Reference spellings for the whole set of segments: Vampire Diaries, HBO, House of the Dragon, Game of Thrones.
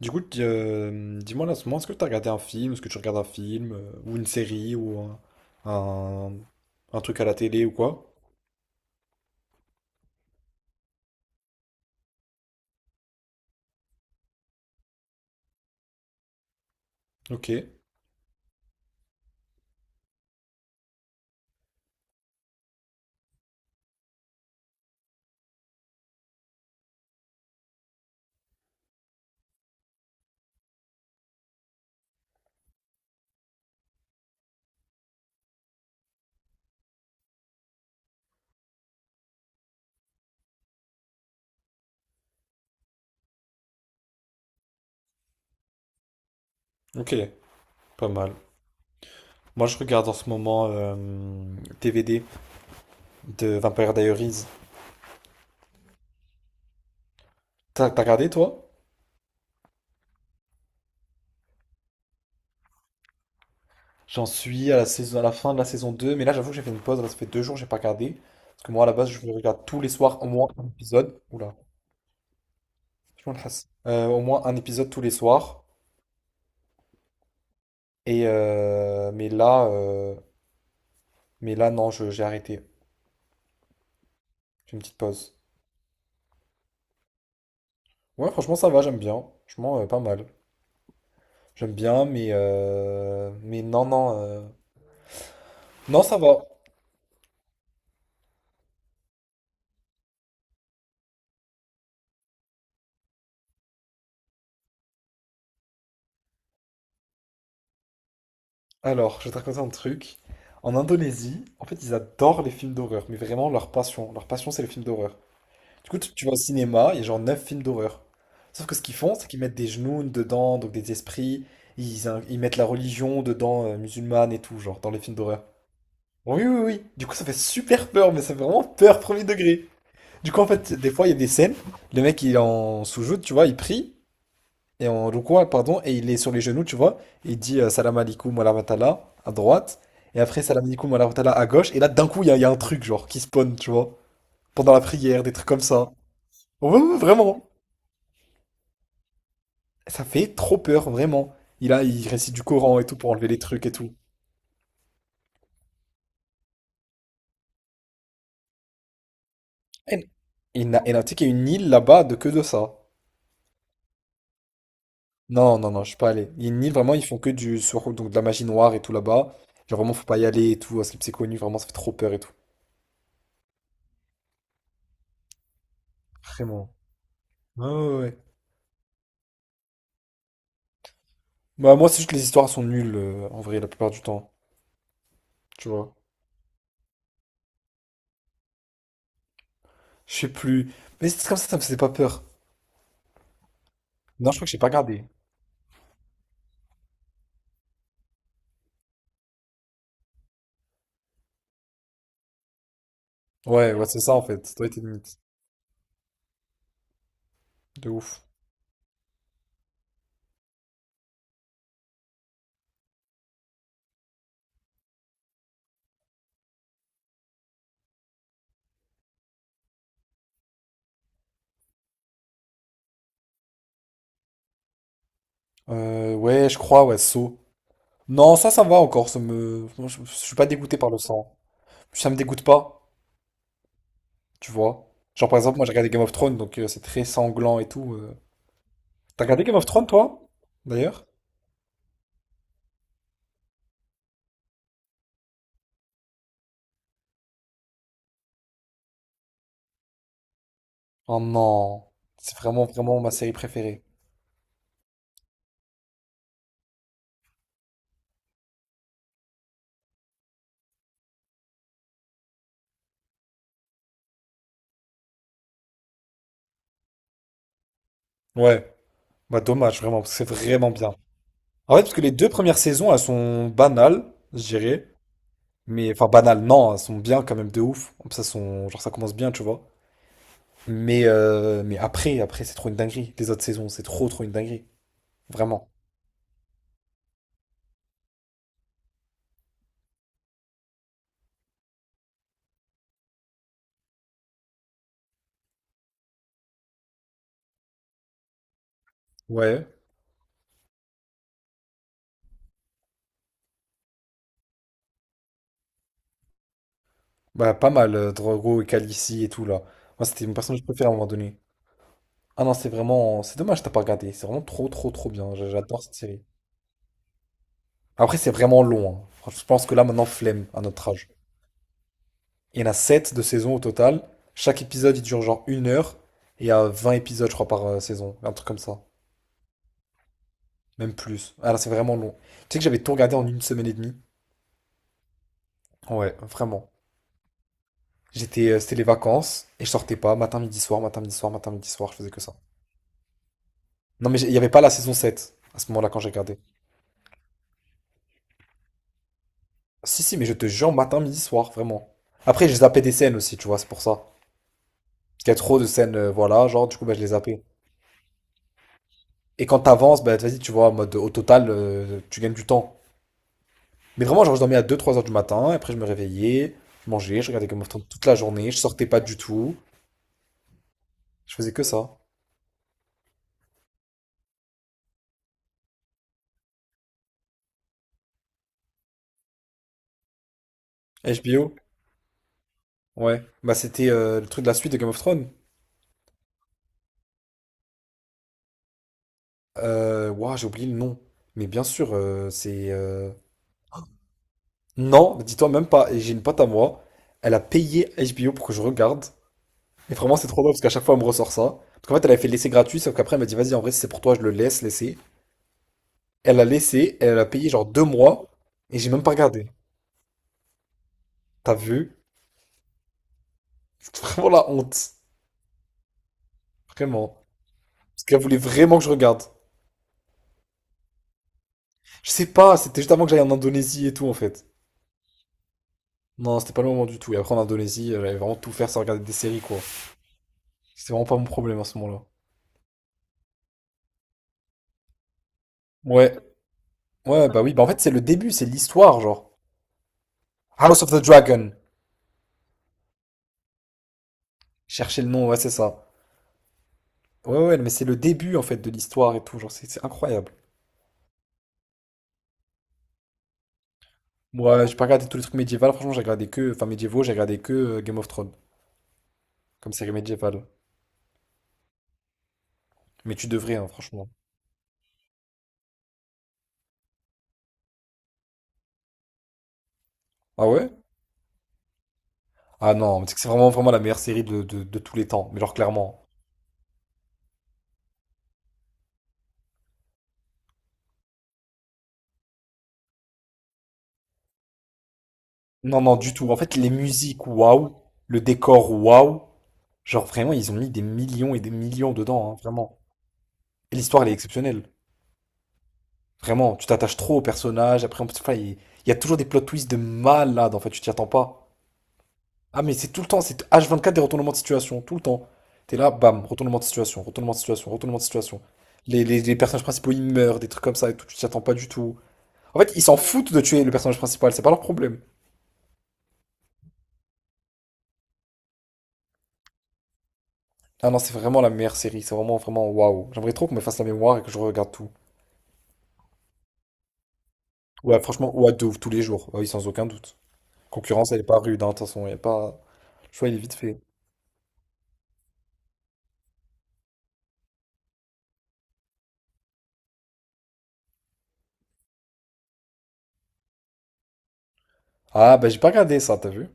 Du coup, dis-moi là, en ce moment, est-ce que tu as regardé un film, est-ce que tu regardes un film, ou une série, ou un- un truc à la télé ou quoi? Ok, ok, pas mal. Moi, je regarde en ce moment DVD de Vampire Diaries. T'as regardé, toi? J'en suis à la saison, à la fin de la saison 2, mais là, j'avoue que j'ai fait une pause, là, ça fait 2 jours j'ai pas regardé. Parce que moi, à la base, je regarde tous les soirs au moins un épisode. Oula, je m'en lasse. Au moins un épisode tous les soirs. Et euh, mais là, euh, Mais là, non, j'ai arrêté. J'ai une petite pause. Ouais, franchement, ça va, j'aime bien. Franchement, pas mal. J'aime bien, mais non, non. Non, ça va. Alors, je vais te raconter un truc. En Indonésie, en fait, ils adorent les films d'horreur, mais vraiment leur passion. Leur passion, c'est les films d'horreur. Du coup, tu vas au cinéma, il y a genre 9 films d'horreur. Sauf que ce qu'ils font, c'est qu'ils mettent des genoux dedans, donc des esprits. Ils mettent la religion dedans, musulmane et tout, genre, dans les films d'horreur. Oui, oui, oui. Du coup, ça fait super peur, mais ça fait vraiment peur, premier degré. Du coup, en fait, des fois, il y a des scènes, le mec, il est en soujoud, tu vois, il prie, et en rukwa, pardon, et il est sur les genoux, tu vois, et il dit Salam alaikum wa rahmatullah à droite, et après Salam alaikum wa rahmatullah à gauche, et là, d'un coup, il y a un truc, genre, qui spawn, tu vois, pendant la prière, des trucs comme ça. Ouais, ouais, ouais, vraiment. Ça fait trop peur, vraiment. Il récite du Coran et tout pour enlever les trucs et tout. Et, et là, tu sais qu'il y a une île là-bas de que de ça. Non, non, non, je suis pas allé. Il y a une île, vraiment, ils font que du sur, donc de la magie noire et tout là-bas. Genre, vraiment, faut pas y aller et tout, parce que c'est connu, vraiment, ça fait trop peur et tout. Vraiment. Ouais, ouais, ouais. Bah, moi, c'est juste que les histoires sont nulles, en vrai, la plupart du temps. Tu vois. Je sais plus. Mais c'est comme ça me faisait pas peur. Non, je crois que j'ai pas regardé. Ouais, ouais, c'est ça, en fait. Ça doit être une mythe. De ouf. Ouais, je crois, ouais, saut. Non, ça va encore. Moi, je suis pas dégoûté par le sang. Ça me dégoûte pas, tu vois. Genre, par exemple, moi, j'ai regardé Game of Thrones, donc c'est très sanglant et tout. T'as regardé Game of Thrones, toi? D'ailleurs? Oh non, c'est vraiment vraiment ma série préférée. Ouais, bah dommage vraiment, parce que c'est vraiment bien. En fait, parce que les deux premières saisons, elles sont banales, je dirais. Mais enfin banales, non, elles sont bien quand même de ouf. Ça sont, genre ça commence bien, tu vois. Mais après, c'est trop une dinguerie. Les autres saisons, c'est trop trop une dinguerie, vraiment. Ouais, bah pas mal, Drogo et Khaleesi et tout là. Moi, c'était mon personnage préféré à un moment donné. Ah non, c'est vraiment, c'est dommage, t'as pas regardé. C'est vraiment trop trop trop bien. J'adore cette série. Après, c'est vraiment long, hein. Franchement, je pense que là, maintenant, flemme à notre âge. Il y en a 7 de saison au total. Chaque épisode, il dure genre une heure. Et il y a 20 épisodes, je crois, par saison. Un truc comme ça. Même plus. Ah là, c'est vraiment long. Tu sais que j'avais tout regardé en une semaine et demie. Ouais, vraiment. C'était les vacances et je sortais pas. Matin, midi, soir, matin, midi, soir, matin, midi, soir. Je faisais que ça. Non, mais il y avait pas la saison 7 à ce moment-là quand j'ai regardé. Si, si, mais je te jure, matin, midi, soir, vraiment. Après, j'ai zappé des scènes aussi, tu vois, c'est pour ça. Parce qu'il y a trop de scènes, voilà, genre, du coup, bah, je les zappais. Et quand t'avances, bah, vas-y, tu vois, en mode, au total, tu gagnes du temps. Mais vraiment, genre, je dormais à deux, trois heures du matin, après, je me réveillais, je mangeais, je regardais Game of Thrones toute la journée, je sortais pas du tout, je faisais que ça. HBO? Ouais. Bah, c'était le truc de la suite de Game of Thrones. Ouah, j'ai oublié le nom. Mais bien sûr, c'est. Non, dis-toi même pas. Et j'ai une pote à moi, elle a payé HBO pour que je regarde. Et vraiment, c'est trop drôle parce qu'à chaque fois, elle me ressort ça. Parce qu'en fait, elle avait fait laisser gratuit, sauf qu'après, elle m'a dit, vas-y, en vrai, si c'est pour toi, je le laisse, laisser. Elle a laissé, elle a payé genre 2 mois, et j'ai même pas regardé. T'as vu? C'est vraiment la honte. Vraiment. Parce qu'elle voulait vraiment que je regarde. Je sais pas, c'était juste avant que j'aille en Indonésie et tout en fait. Non, c'était pas le moment du tout. Et après en Indonésie, j'allais vraiment tout faire sans regarder des séries quoi. C'était vraiment pas mon problème à ce moment-là. Ouais, ouais, bah oui, bah en fait c'est le début, c'est l'histoire genre. House of the Dragon. Cherchez le nom, ouais, c'est ça. Ouais, ouais, mais c'est le début en fait de l'histoire et tout, genre c'est incroyable. Moi, j'ai pas regardé tous les trucs médiévaux, franchement j'ai regardé que, enfin médiévaux, j'ai regardé que Game of Thrones. Comme série médiévale. Mais tu devrais, hein, franchement. Ah ouais? Ah non, mais c'est que c'est vraiment, vraiment la meilleure série de tous les temps. Mais genre, clairement. Non, non, du tout. En fait, les musiques, waouh. Le décor, waouh. Genre, vraiment, ils ont mis des millions et des millions dedans, hein, vraiment. Et l'histoire, elle est exceptionnelle. Vraiment, tu t'attaches trop aux personnages. Après, en plus, enfin, il y a toujours des plot twists de malade, en fait, tu t'y attends pas. Ah, mais c'est tout le temps, c'est h 24 des retournements de situation, tout le temps. T'es là, bam, retournement de situation, retournement de situation, retournement de situation. Les personnages principaux, ils meurent, des trucs comme ça et tout, tu t'y attends pas du tout. En fait, ils s'en foutent de tuer le personnage principal, c'est pas leur problème. Ah non, c'est vraiment la meilleure série, c'est vraiment, vraiment waouh. J'aimerais trop qu'on me fasse la mémoire et que je regarde tout. Ouais, franchement, ouais, de ouf, tous les jours, ah oui, sans aucun doute. Concurrence, elle est pas rude, hein, de toute façon, y a pas. Le choix, il est vite fait. Ah, bah j'ai pas regardé ça, t'as vu?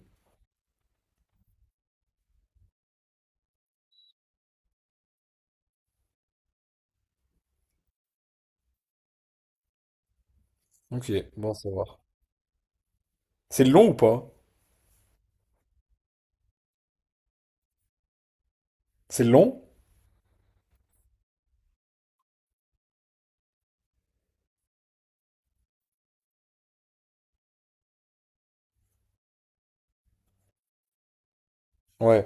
Ok, bon, ça va. C'est long ou pas? C'est long? Ouais.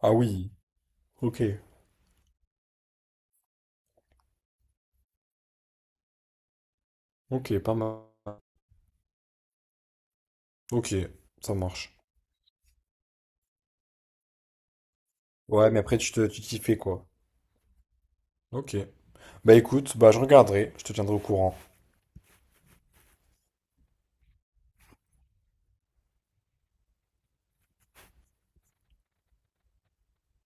Ah oui. Ok. Ok, pas mal. Ok, ça marche. Ouais, mais après, tu t'y fais, quoi. Ok. Bah écoute, bah je regarderai, je te tiendrai au courant.